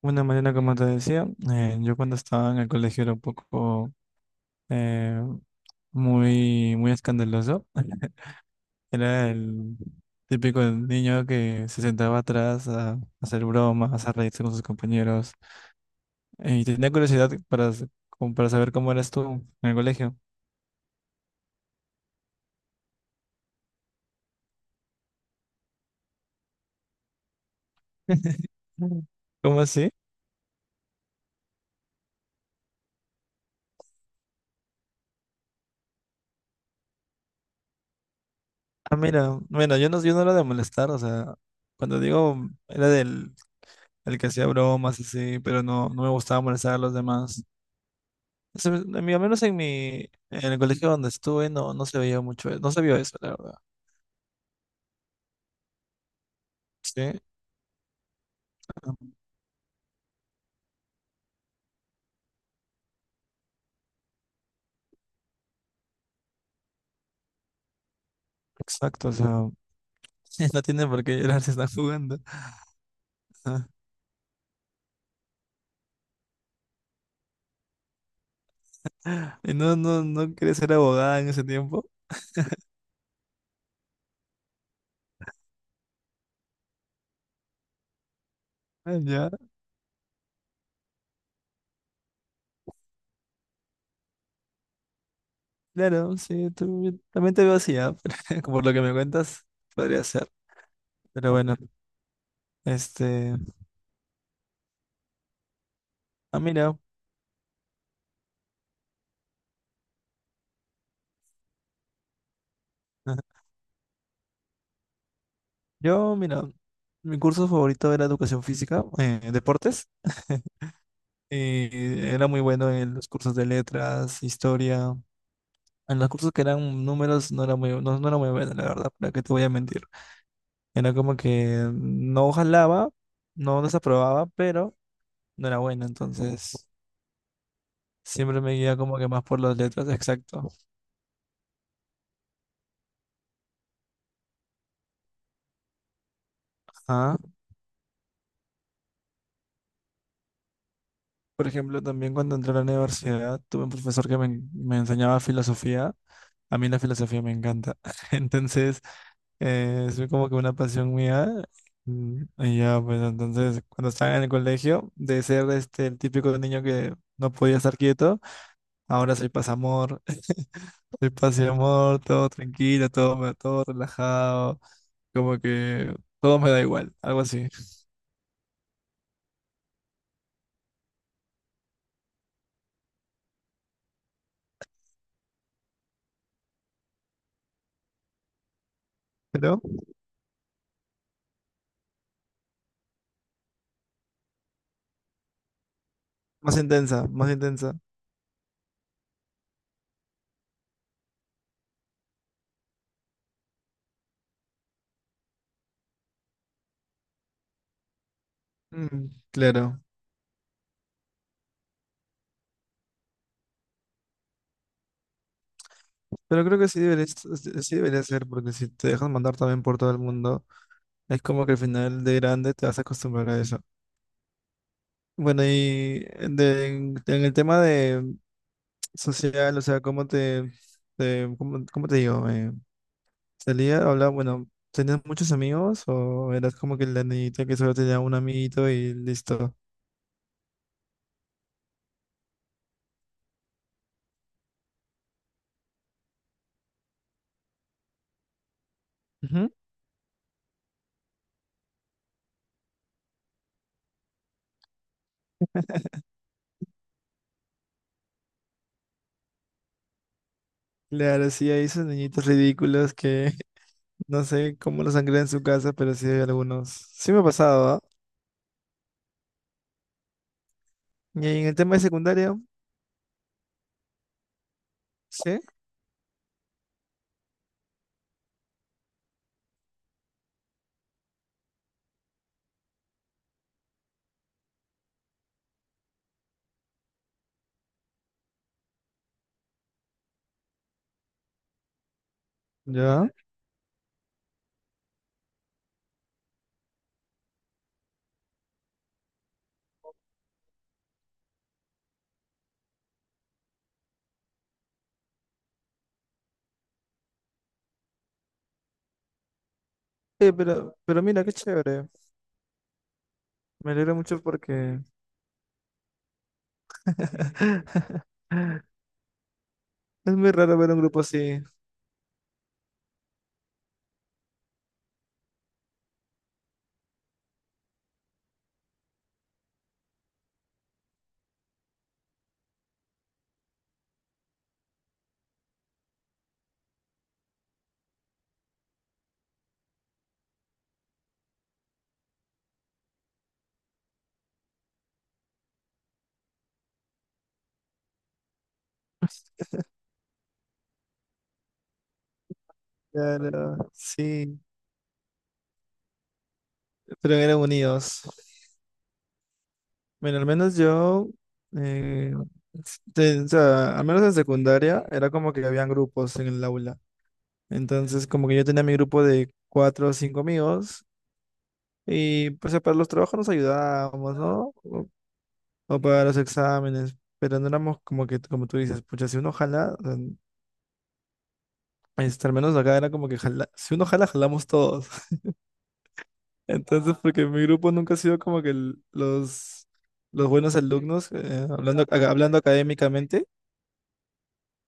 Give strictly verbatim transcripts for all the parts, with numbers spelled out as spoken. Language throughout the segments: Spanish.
Bueno, Mariana, como te decía, eh, yo cuando estaba en el colegio era un poco eh, muy, muy escandaloso. Era el típico niño que se sentaba atrás a, a hacer bromas, a reírse con sus compañeros. eh, Y tenía curiosidad para, s- como para saber cómo eras tú en el colegio. Mm. ¿Cómo así? Ah, mira, bueno, yo no, yo no era de molestar, o sea, cuando digo era del el que hacía bromas así, pero no, no me gustaba molestar a los demás. Se me- a mí- Al menos en mi, en el colegio donde estuve no, no se veía mucho, e- no se vio eso, la verdad. Sí, ah, exacto, o sea, no tienen por qué llorar si están jugando. Ah, Y no, no, no quieres ser abogada en ese tiempo? Ah, ya, claro, sí, tú- yo también te veo así, ah, pero por lo que me cuentas, podría ser. Pero bueno, este, ah, mira, ajá. Yo, mira, mi curso favorito era educación física, eh, deportes. Y era muy bueno en los cursos de letras, historia. En los cursos que eran números no era muy, no, no era muy buena, la verdad, para qué te voy a mentir. Era como que no jalaba, no desaprobaba, pero no era buena, entonces siempre me guía como que más por las letras, exacto. Ah, por ejemplo, también cuando entré a la universidad, tuve un profesor que me, en- me enseñaba filosofía. A mí la filosofía me encanta. Entonces, eh, es como que una pasión mía. Mm, Y ya, pues entonces, cuando estaba en el colegio, de ser este, el típico niño que no podía estar quieto, ahora soy pasamor, soy paz y amor, todo tranquilo, todo, me- todo relajado, como que todo me da igual, algo así. Pero más intensa, más intensa. Mm, claro. Pero creo que sí debería, sí debería ser, porque si te dejan mandar también por todo el mundo, es como que al final de grande te vas a acostumbrar a eso. Bueno, y de- en, en el tema de social, o sea, ¿cómo te, te- cómo, cómo te digo? Eh, ¿salía, hablaba, bueno, tenías muchos amigos o eras como que la niñita que solo tenía un amiguito y listo? Ujú. Claro, sí, hay esos niñitos ridículos que no sé cómo los sangran en su casa, pero sí hay algunos. Sí me ha pasado, ¿ah? Y en el tema de secundaria, sí, ya. Eh, pero, pero mira, qué chévere. Me alegra mucho porque es muy raro ver un grupo así. Claro, sí, pero eran unidos. Bueno, al menos yo, eh, te- o sea, al menos en secundaria, era como que habían grupos en el aula. Entonces, como que yo tenía mi grupo de cuatro o cinco amigos, y pues para los trabajos nos ayudábamos, ¿no? O, o para los exámenes, pero no éramos como que, como tú dices, pucha, si uno jala, o sea, este, al menos acá era como que jala- si uno jala, jalamos todos. Entonces, porque mi grupo nunca ha sido como que el- los, los buenos alumnos, eh, hablando, ac- hablando académicamente.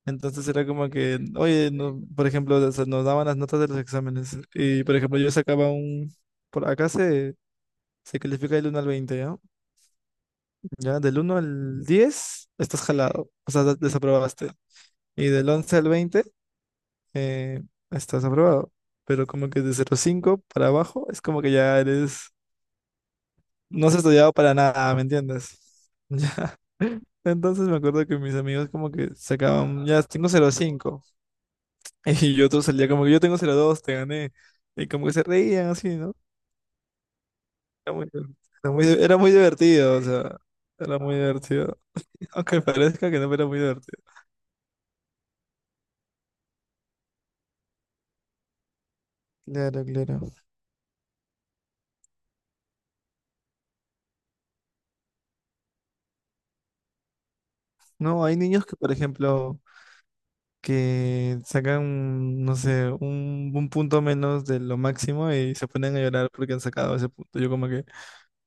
Entonces era como que, oye, no- por ejemplo, o sea, nos daban las notas de los exámenes. Y, por ejemplo, yo sacaba un. Por acá se, se califica del uno al veinte, ¿ya? Ya, del uno al diez estás jalado, o sea, desaprobaste. Y del once al veinte eh, estás aprobado. Pero como que de cero cinco para abajo es como que ya eres, no has estudiado para nada, ¿me entiendes? Ya. Entonces me acuerdo que mis amigos como que sacaban, ya tengo cero cinco. Y yo otro salía como que yo tengo cero dos, te gané. Y como que se reían así, ¿no? Era muy, era muy, era muy divertido, o sea, era muy divertido. Aunque parezca que no, pero era muy divertido. Claro, claro. No, hay niños que, por ejemplo, que sacan, no sé, un, un punto menos de lo máximo y se ponen a llorar porque han sacado ese punto. Yo como que,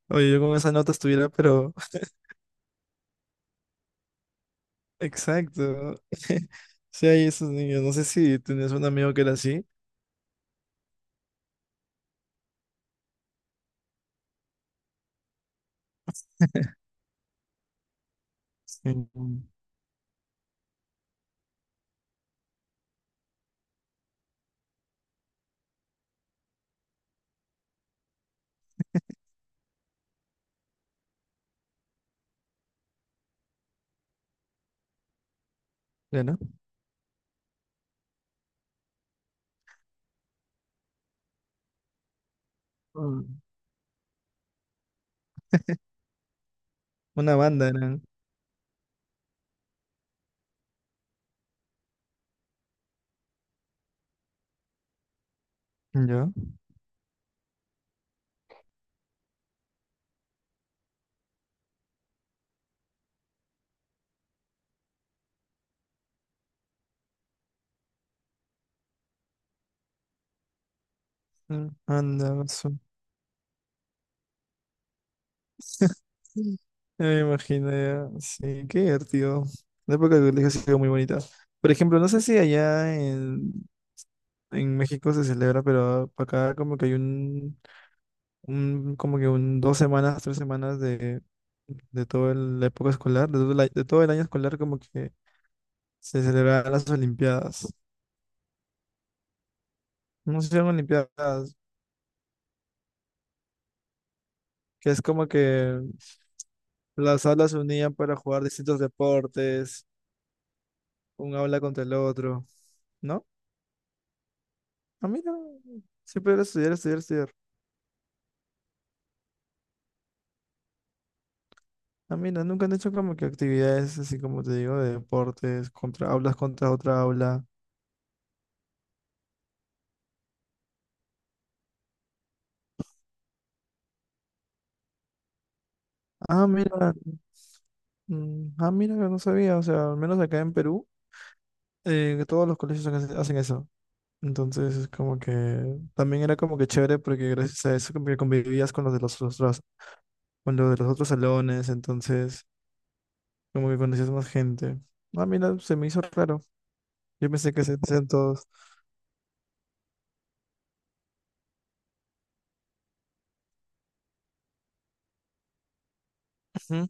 oye, yo con esa nota estuviera, pero exacto. Sí, hay esos niños. No sé si tenías un amigo que era así. Sí, ya no. Mm. Una banda eran. ¿Yo? Mm, Anda, eso. Sí. Ya me imagino, ya. Sí, qué divertido. La época del colegio ha sido muy bonita. Por ejemplo, no sé si allá en En México se celebra, pero acá como que hay un, un como que un dos semanas, tres semanas de, de, toda la época escolar, de todo el, a- de todo el año escolar como que se celebran las Olimpiadas. No se llaman Olimpiadas, que es como que las aulas se unían para jugar distintos deportes, un aula contra el otro, ¿no? A mí no, siempre era estudiar, estudiar, estudiar. A mí no, nunca han hecho como que actividades así, como te digo, de deportes, contra aulas, contra otra aula. Ah, mira. Mm, Ah, mira, yo no sabía, o sea, al menos acá en Perú, eh, que todos los colegios hacen hacen eso. Entonces es como que también era como que chévere, porque gracias a eso como que convivías con los de los otros, con los de los otros salones, entonces como que conocías más gente. Ah, mira, se me hizo raro. Yo pensé que se hacían todos, ujú,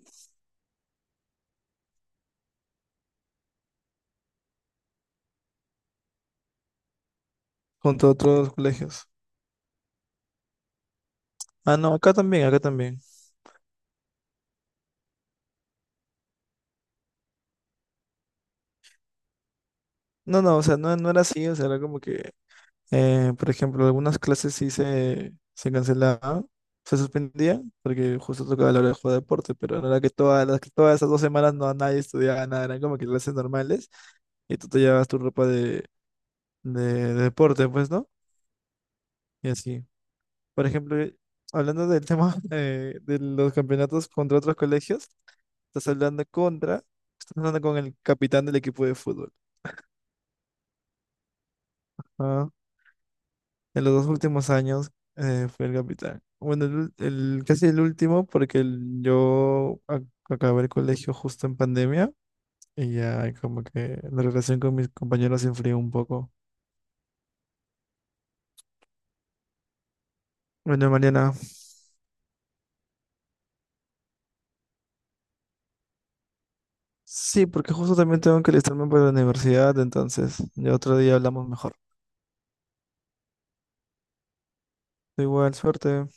junto a otros colegios. Ah, no, acá también, acá también. No, no, o sea, no, no era así, o sea, era como que, Eh, por ejemplo, algunas clases sí se, se cancelaban, se suspendían, porque justo tocaba la hora de jugar deporte, pero no era que todas las que todas esas dos semanas no nadie estudiaba nada, eran como que clases normales, y tú te llevabas tu ropa de, de, de deporte, pues, ¿no? Y así. Por ejemplo, eh, hablando del tema eh, de los campeonatos contra otros colegios, estás hablando contra, estás hablando con el capitán del equipo de fútbol. ¿Ah? En los dos últimos años eh, fui el capitán. Bueno, el, ul- el- casi el último, porque el- yo ac- acabé el colegio justo en pandemia y ya como que la relación con mis compañeros se enfrió un poco. Bueno, Mariana, sí, porque justo también tengo que alistarme para la universidad, entonces ya otro día hablamos mejor. Igual, suerte.